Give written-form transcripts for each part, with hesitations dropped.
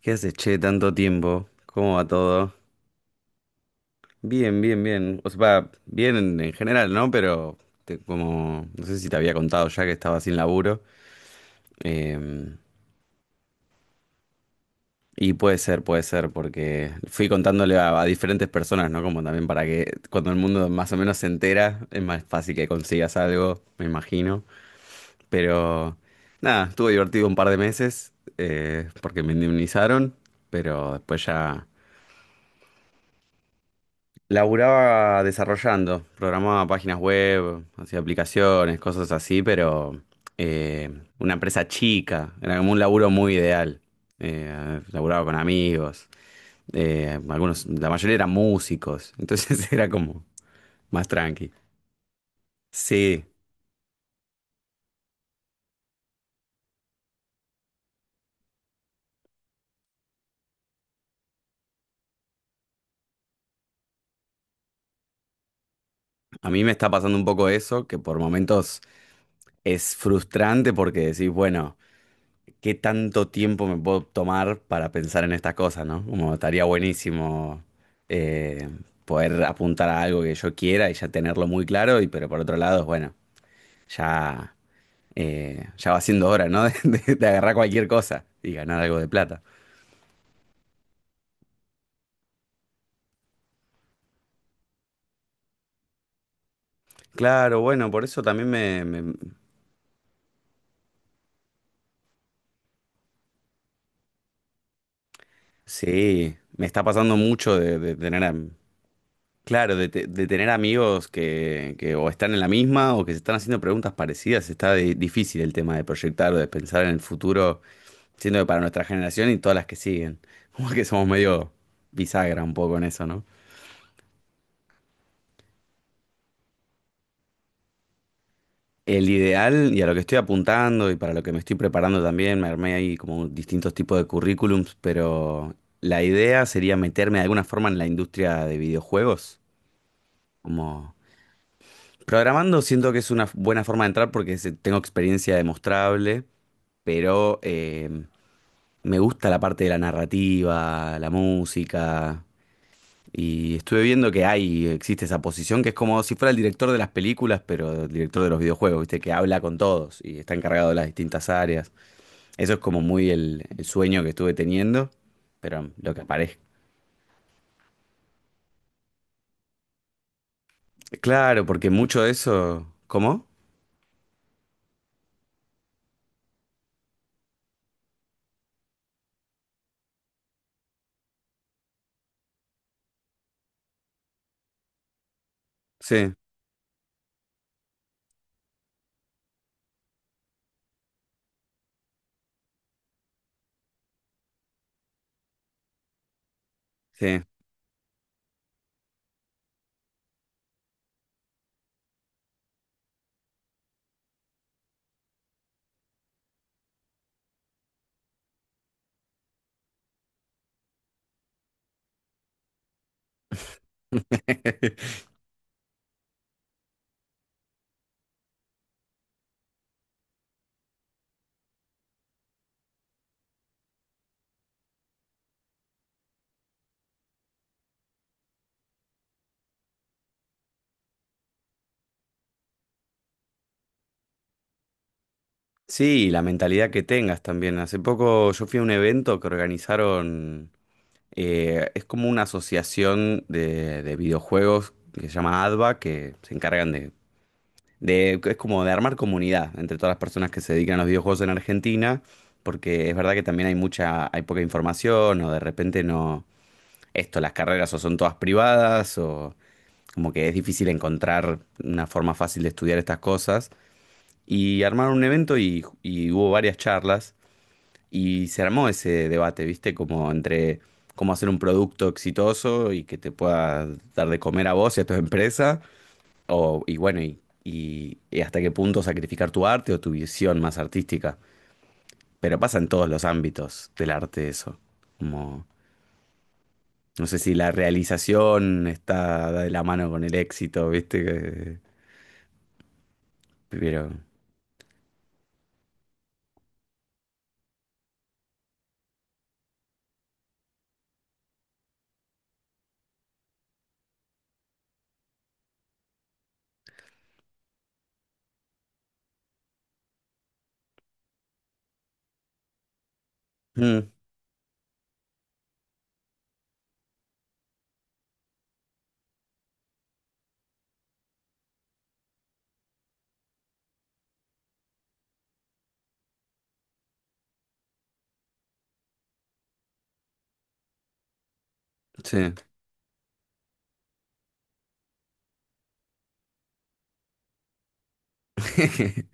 ¿Qué haces, che? Tanto tiempo. ¿Cómo va todo? Bien, bien, bien. O sea, va bien en general, ¿no? Pero no sé si te había contado ya que estaba sin laburo. Em, y puede ser, porque fui contándole a diferentes personas, ¿no? Como también para que cuando el mundo más o menos se entera, es más fácil que consigas algo, me imagino. Pero nada, estuvo divertido un par de meses, porque me indemnizaron, pero después ya... Laburaba desarrollando, programaba páginas web, hacía aplicaciones, cosas así, pero eh, una empresa chica, era como un laburo muy ideal. Laburaba con amigos, algunos, la mayoría eran músicos, entonces era como más tranqui. Sí, a mí me está pasando un poco eso, que por momentos es frustrante porque decís, bueno, qué tanto tiempo me puedo tomar para pensar en estas cosas, ¿no? Como estaría buenísimo eh, poder apuntar a algo que yo quiera y ya tenerlo muy claro, y pero por otro lado, bueno, ya, ya va siendo hora, ¿no? De agarrar cualquier cosa y ganar algo de plata. Claro, bueno, por eso también sí, me está pasando mucho de claro, de tener amigos que o están en la misma o que se están haciendo preguntas parecidas, está difícil el tema de proyectar o de pensar en el futuro, siendo que para nuestra generación y todas las que siguen, como que somos medio bisagra un poco en eso, ¿no? El ideal y a lo que estoy apuntando y para lo que me estoy preparando también, me armé ahí como distintos tipos de currículums, pero la idea sería meterme de alguna forma en la industria de videojuegos, como programando siento que es una buena forma de entrar porque tengo experiencia demostrable. Pero me gusta la parte de la narrativa, la música. Y estuve viendo que hay, existe esa posición que es como si fuera el director de las películas, pero el director de los videojuegos, ¿viste? Que habla con todos y está encargado de las distintas áreas. Eso es como muy el sueño que estuve teniendo, pero lo que aparece. Claro, porque mucho de eso. ¿Cómo? Sí, sí. Sí, la mentalidad que tengas también. Hace poco yo fui a un evento que organizaron. Es como una asociación de videojuegos que se llama ADVA, que se encargan es como de armar comunidad entre todas las personas que se dedican a los videojuegos en Argentina, porque es verdad que también hay mucha, hay poca información, o de repente no... Esto, las carreras o son todas privadas, o como que es difícil encontrar una forma fácil de estudiar estas cosas. Y armaron un evento y hubo varias charlas y se armó ese debate, ¿viste? Como entre cómo hacer un producto exitoso y que te pueda dar de comer a vos y a tu empresa, o, y bueno, y hasta qué punto sacrificar tu arte o tu visión más artística. Pero pasa en todos los ámbitos del arte eso. Como, no sé si la realización está de la mano con el éxito, ¿viste? Que- pero... Mm, sí.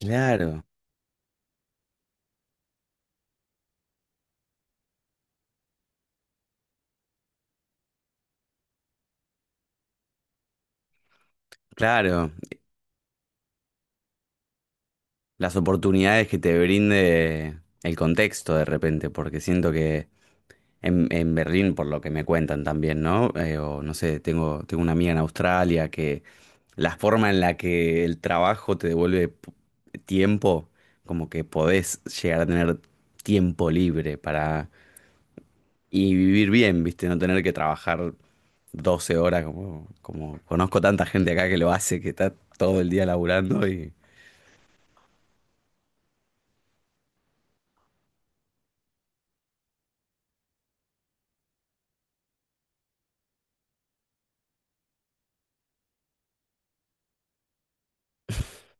Claro, claro. Las oportunidades que te brinde el contexto de repente, porque siento que en Berlín, por lo que me cuentan también, ¿no? O no sé, tengo una amiga en Australia que la forma en la que el trabajo te devuelve tiempo, como que podés llegar a tener tiempo libre para... Y vivir bien, ¿viste? No tener que trabajar 12 horas, como, como conozco tanta gente acá que lo hace, que está todo el día laburando y...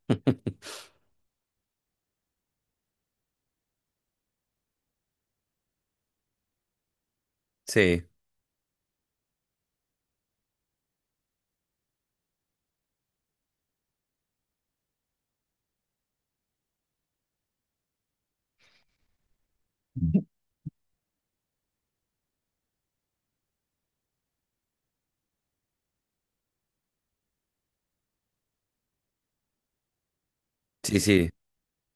Sí, sí, sí.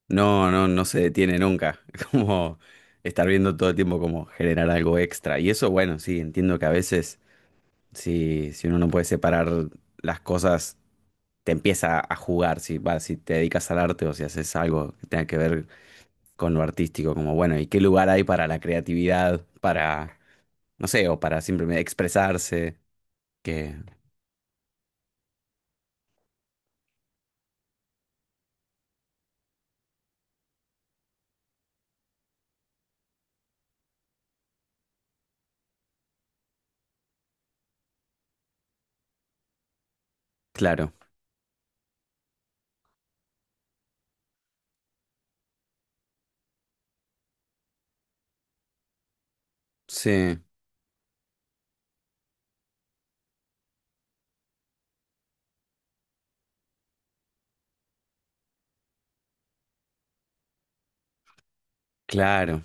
No, no, no se detiene nunca. Como estar viendo todo el tiempo como generar algo extra. Y eso, bueno, sí, entiendo que a veces, si, si uno no puede separar las cosas, te empieza a jugar. Si, va, si te dedicas al arte o si haces algo que tenga que ver con lo artístico, como bueno, ¿y qué lugar hay para la creatividad? Para, no sé, o para simplemente expresarse. Que, claro, sí, claro,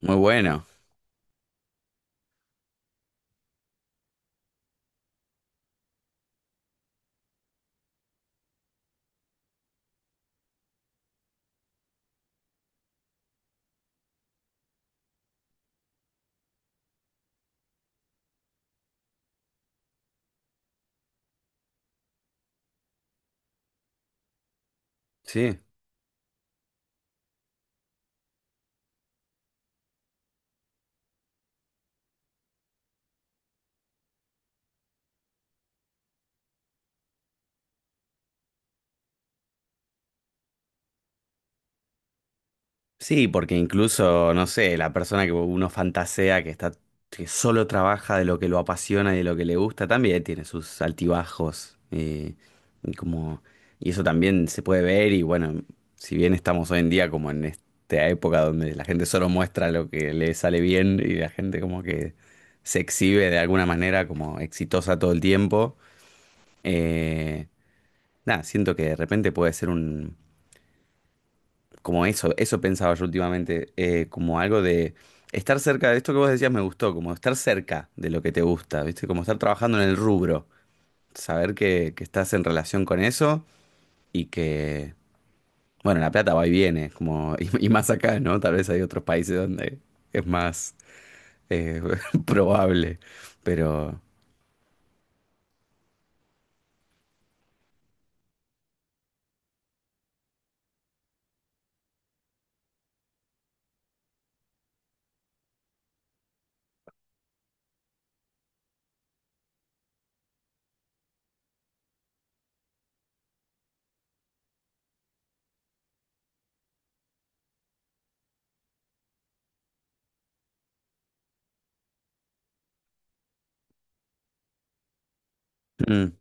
muy bueno, sí. Sí, porque incluso, no sé, la persona que uno fantasea, que está, que solo trabaja de lo que lo apasiona y de lo que le gusta, también tiene sus altibajos. Eh, y como, y eso también se puede ver, y bueno, si bien estamos hoy en día como en esta época donde la gente solo muestra lo que le sale bien y la gente como que se exhibe de alguna manera como exitosa todo el tiempo, eh, nada, siento que de repente puede ser un como eso pensaba yo últimamente, como algo de estar cerca de esto que vos decías me gustó, como estar cerca de lo que te gusta, ¿viste? Como estar trabajando en el rubro, saber que estás en relación con eso y que, bueno, la plata va y viene, como, y más acá, ¿no? Tal vez hay otros países donde es más eh, probable, pero... Mm,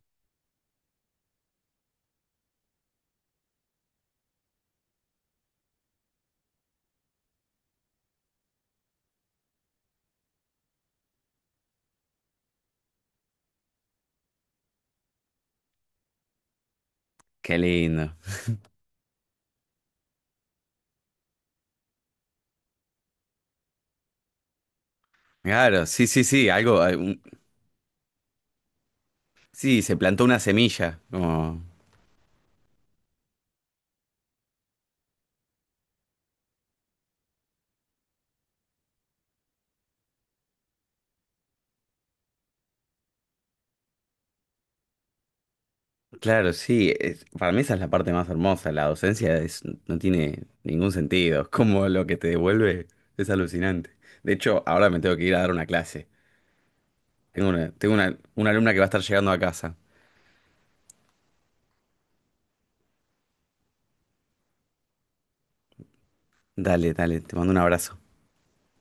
qué lindo. Claro, sí, sí, sí, algo, un- sí, se plantó una semilla, como... Claro, sí, es- para mí esa es la parte más hermosa, la docencia es, no tiene ningún sentido, es como lo que te devuelve es alucinante. De hecho, ahora me tengo que ir a dar una clase. Tengo una, una alumna que va a estar llegando a casa. Dale, dale, te mando un abrazo.